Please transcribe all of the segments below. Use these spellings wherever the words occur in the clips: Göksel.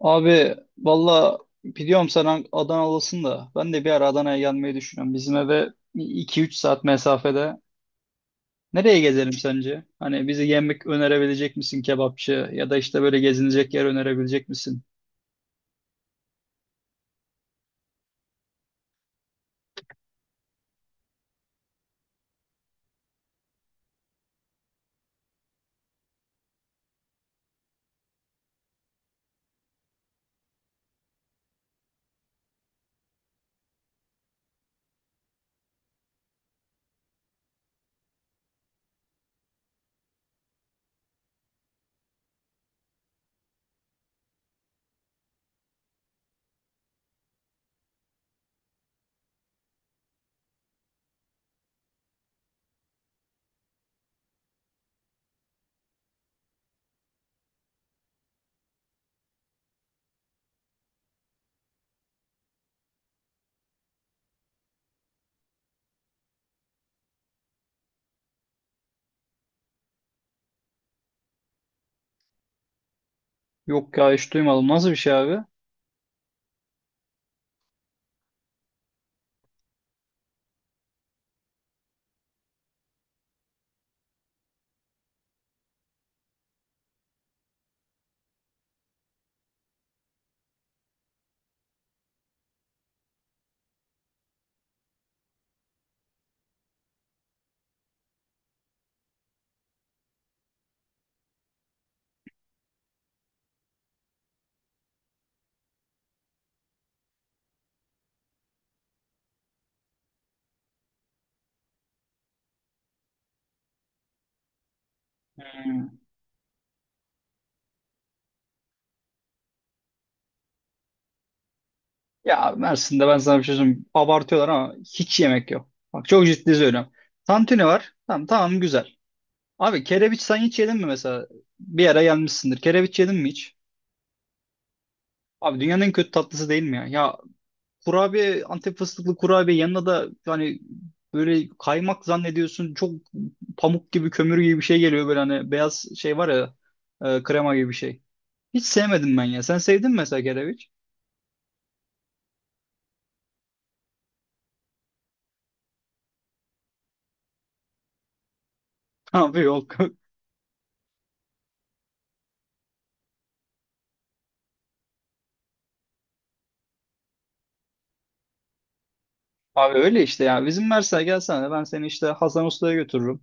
Abi valla biliyorum sen Adanalısın da ben de bir ara Adana'ya gelmeyi düşünüyorum. Bizim eve iki üç saat mesafede. Nereye gezelim sence? Hani bize yemek önerebilecek misin, kebapçı ya da işte böyle gezinecek yer önerebilecek misin? Yok ya, hiç duymadım. Nasıl bir şey abi? Hmm. Ya Mersin'de ben sana bir şey söyleyeyim. Abartıyorlar ama hiç yemek yok. Bak çok ciddi söylüyorum. Tantuni var. Tamam tamam, güzel. Abi kerebiç sen hiç yedin mi mesela? Bir ara gelmişsindir. Kerebiç yedin mi hiç? Abi dünyanın en kötü tatlısı değil mi ya? Ya kurabiye, Antep fıstıklı kurabiye, yanına da hani böyle kaymak zannediyorsun, çok pamuk gibi, kömür gibi bir şey geliyor böyle, hani beyaz şey var ya, krema gibi bir şey. Hiç sevmedim ben ya. Sen sevdin mi mesela kereviç? Abi yok. Abi öyle işte ya. Bizim Mersin'e gelsene, ben seni işte Hasan Usta'ya götürürüm.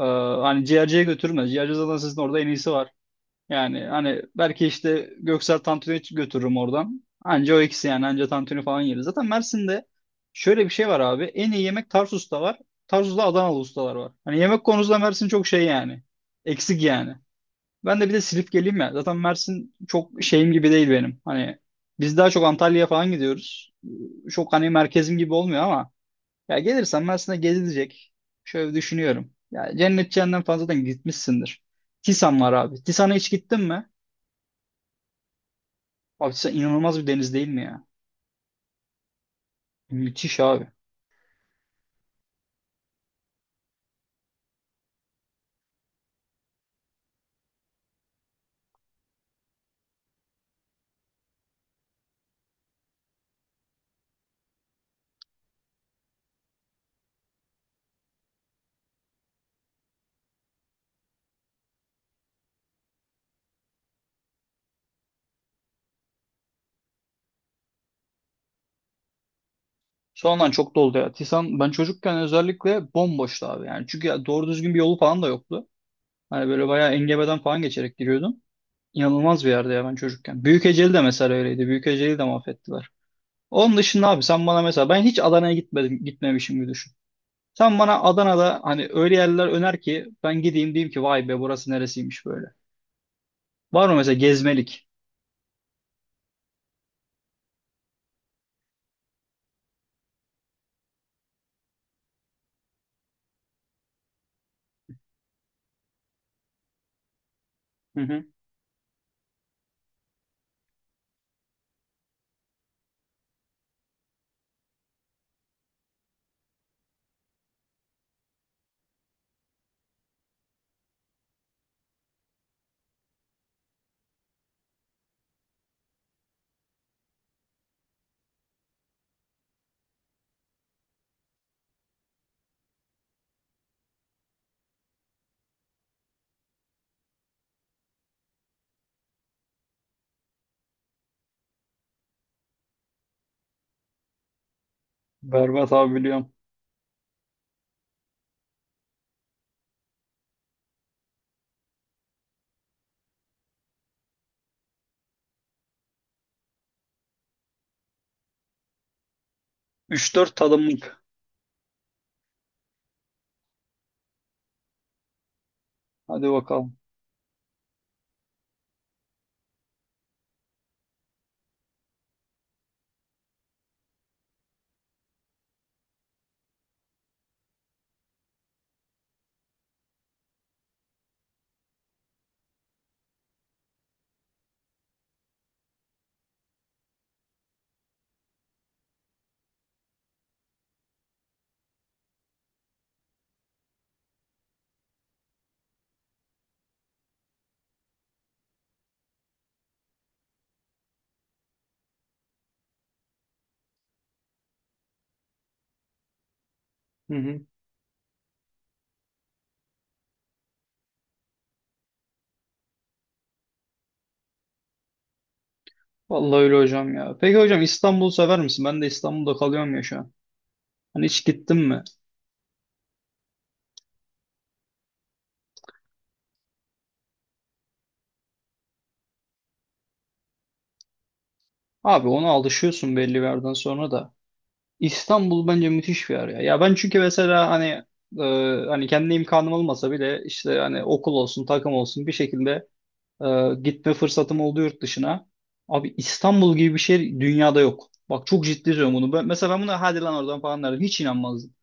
Ee, hani ciğerciye götürmez. Ciğerci zaten sizin orada en iyisi var. Yani hani belki işte Göksel tantuniyi götürürüm oradan. Anca o ikisi yani, anca tantuni falan yeriz. Zaten Mersin'de şöyle bir şey var abi. En iyi yemek Tarsus'ta var. Tarsus'ta Adanalı ustalar var. Hani yemek konusunda Mersin çok şey yani. Eksik yani. Ben de bir de Silifke'liyim ya. Zaten Mersin çok şeyim gibi değil benim. Hani biz daha çok Antalya'ya falan gidiyoruz. Çok hani merkezim gibi olmuyor ama ya gelirsen Mersin'e gezilecek. Şöyle düşünüyorum. Ya cennet cehennem falan zaten gitmişsindir. Tisan var abi. Tisan'a hiç gittin mi? Abi Tisan inanılmaz bir deniz değil mi ya? Müthiş abi. Sonradan çok doldu ya. Tisan ben çocukken özellikle bomboştu abi yani. Çünkü ya doğru düzgün bir yolu falan da yoktu. Hani böyle bayağı engebeden falan geçerek giriyordum. İnanılmaz bir yerde ya ben çocukken. Büyükeceli de mesela öyleydi. Büyükeceli de mahvettiler. Onun dışında abi, sen bana mesela, ben hiç Adana'ya gitmedim, gitmemişim gibi düşün. Sen bana Adana'da hani öyle yerler öner ki ben gideyim diyeyim ki vay be, burası neresiymiş böyle. Var mı mesela gezmelik? Hı hı. Berbat abi, biliyorum. Üç dört tadımlık. Hadi bakalım. Hı hı. Vallahi öyle hocam ya. Peki hocam, İstanbul'u sever misin? Ben de İstanbul'da kalıyorum ya şu an. Hani hiç gittin mi? Abi ona alışıyorsun belli bir yerden sonra da. İstanbul bence müthiş bir yer ya. Ya ben çünkü mesela hani e, hani kendi imkanım olmasa bile işte hani okul olsun, takım olsun, bir şekilde gitme fırsatım oldu yurt dışına. Abi İstanbul gibi bir şey dünyada yok. Bak çok ciddi söylüyorum bunu. Ben, mesela ben buna hadi lan oradan falan derdim. Hiç inanmazdım.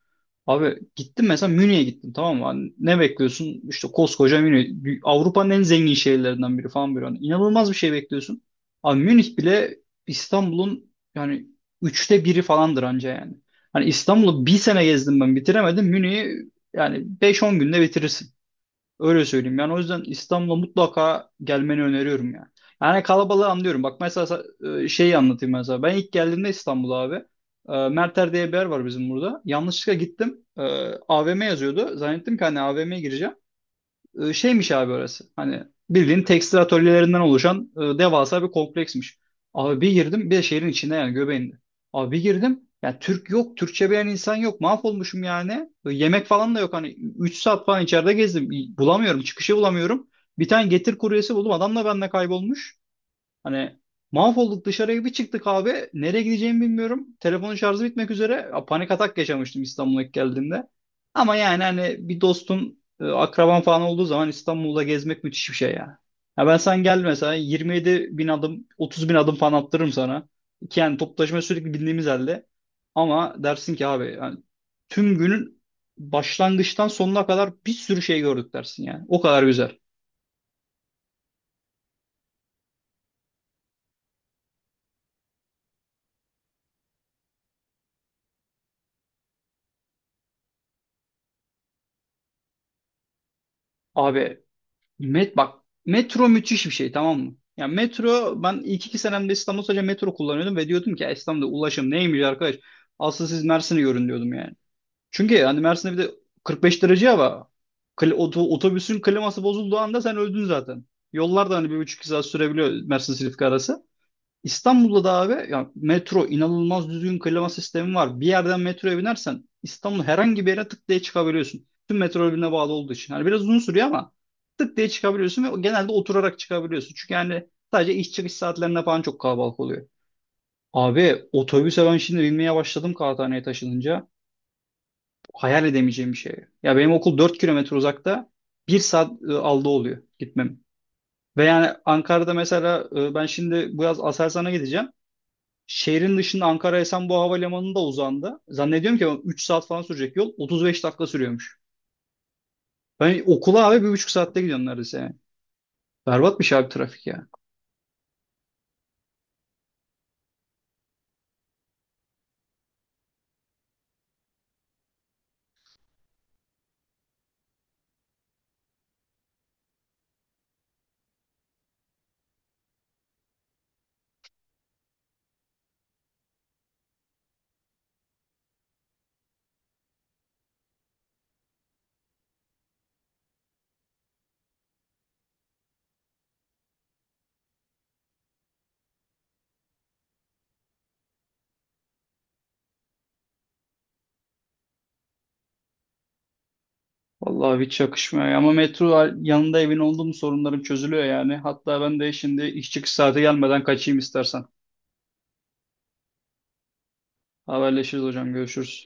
Abi gittim, mesela Münih'e gittim, tamam mı? Hani ne bekliyorsun? İşte koskoca Münih. Avrupa'nın en zengin şehirlerinden biri falan böyle. Hani inanılmaz bir şey bekliyorsun. Abi Münih bile İstanbul'un yani üçte biri falandır anca yani. Hani İstanbul'u bir sene gezdim, ben bitiremedim. Münih'i yani beş on günde bitirirsin. Öyle söyleyeyim. Yani o yüzden İstanbul'a mutlaka gelmeni öneriyorum yani. Yani kalabalığı anlıyorum. Bak mesela şeyi anlatayım mesela. Ben ilk geldiğimde İstanbul'a abi, Merter diye bir yer var bizim burada. Yanlışlıkla gittim. E, AVM yazıyordu. Zannettim ki hani AVM'ye gireceğim. E, şeymiş abi orası. Hani bildiğin tekstil atölyelerinden oluşan devasa bir kompleksmiş. Abi bir girdim, bir de şehrin içinde yani, göbeğinde. Abi bir girdim yani, Türk yok, Türkçe bilen insan yok. Mahvolmuşum yani. Yemek falan da yok, hani 3 saat falan içeride gezdim. Bulamıyorum, çıkışı bulamıyorum. Bir tane Getir kuryesi buldum. Adam da benimle kaybolmuş. Hani mahvolduk, dışarıya bir çıktık abi. Nereye gideceğimi bilmiyorum. Telefonun şarjı bitmek üzere. Ya, panik atak yaşamıştım İstanbul'a ilk geldiğimde. Ama yani hani bir dostun, akraban falan olduğu zaman İstanbul'da gezmek müthiş bir şey ya. Ya ben, sen gel mesela, 27 bin adım, 30 bin adım falan attırırım sana. Ki yani toplu taşıma sürekli bindiğimiz halde. Ama dersin ki abi yani tüm günün başlangıçtan sonuna kadar bir sürü şey gördük dersin yani. O kadar güzel. Abi bak, metro müthiş bir şey, tamam mı? Ya metro, ben ilk iki senemde İstanbul sadece metro kullanıyordum ve diyordum ki "Ya İstanbul'da ulaşım neymiş arkadaş? Asıl siz Mersin'i görün" diyordum yani. Çünkü hani Mersin'de bir de 45 derece hava. Otobüsün kliması bozulduğu anda sen öldün zaten. Yollar da hani bir buçuk iki saat sürebiliyor Mersin Silifke arası. İstanbul'da da abi ya, metro inanılmaz düzgün, klima sistemi var. Bir yerden metroya binersen İstanbul, herhangi bir yere tık diye çıkabiliyorsun. Tüm metro birbirine bağlı olduğu için. Yani biraz uzun sürüyor ama tık diye çıkabiliyorsun ve genelde oturarak çıkabiliyorsun. Çünkü yani sadece iş çıkış saatlerinde falan çok kalabalık oluyor. Abi otobüse ben şimdi binmeye başladım Kağıthane'ye taşınınca. Hayal edemeyeceğim bir şey. Ya benim okul 4 kilometre uzakta. Bir saat aldı oluyor gitmem. Ve yani Ankara'da mesela ben şimdi bu yaz Aselsan'a gideceğim. Şehrin dışında Ankara Esenboğa Havalimanı'nda uzandı. Zannediyorum ki 3 saat falan sürecek yol. 35 dakika sürüyormuş. Ben okula abi 1,5 saatte gidiyorum neredeyse yani. Berbatmış abi trafik ya. Vallahi hiç yakışmıyor ya. Ama metro yanında evin olduğum sorunlarım çözülüyor yani. Hatta ben de şimdi iş çıkış saati gelmeden kaçayım istersen. Haberleşiriz hocam, görüşürüz.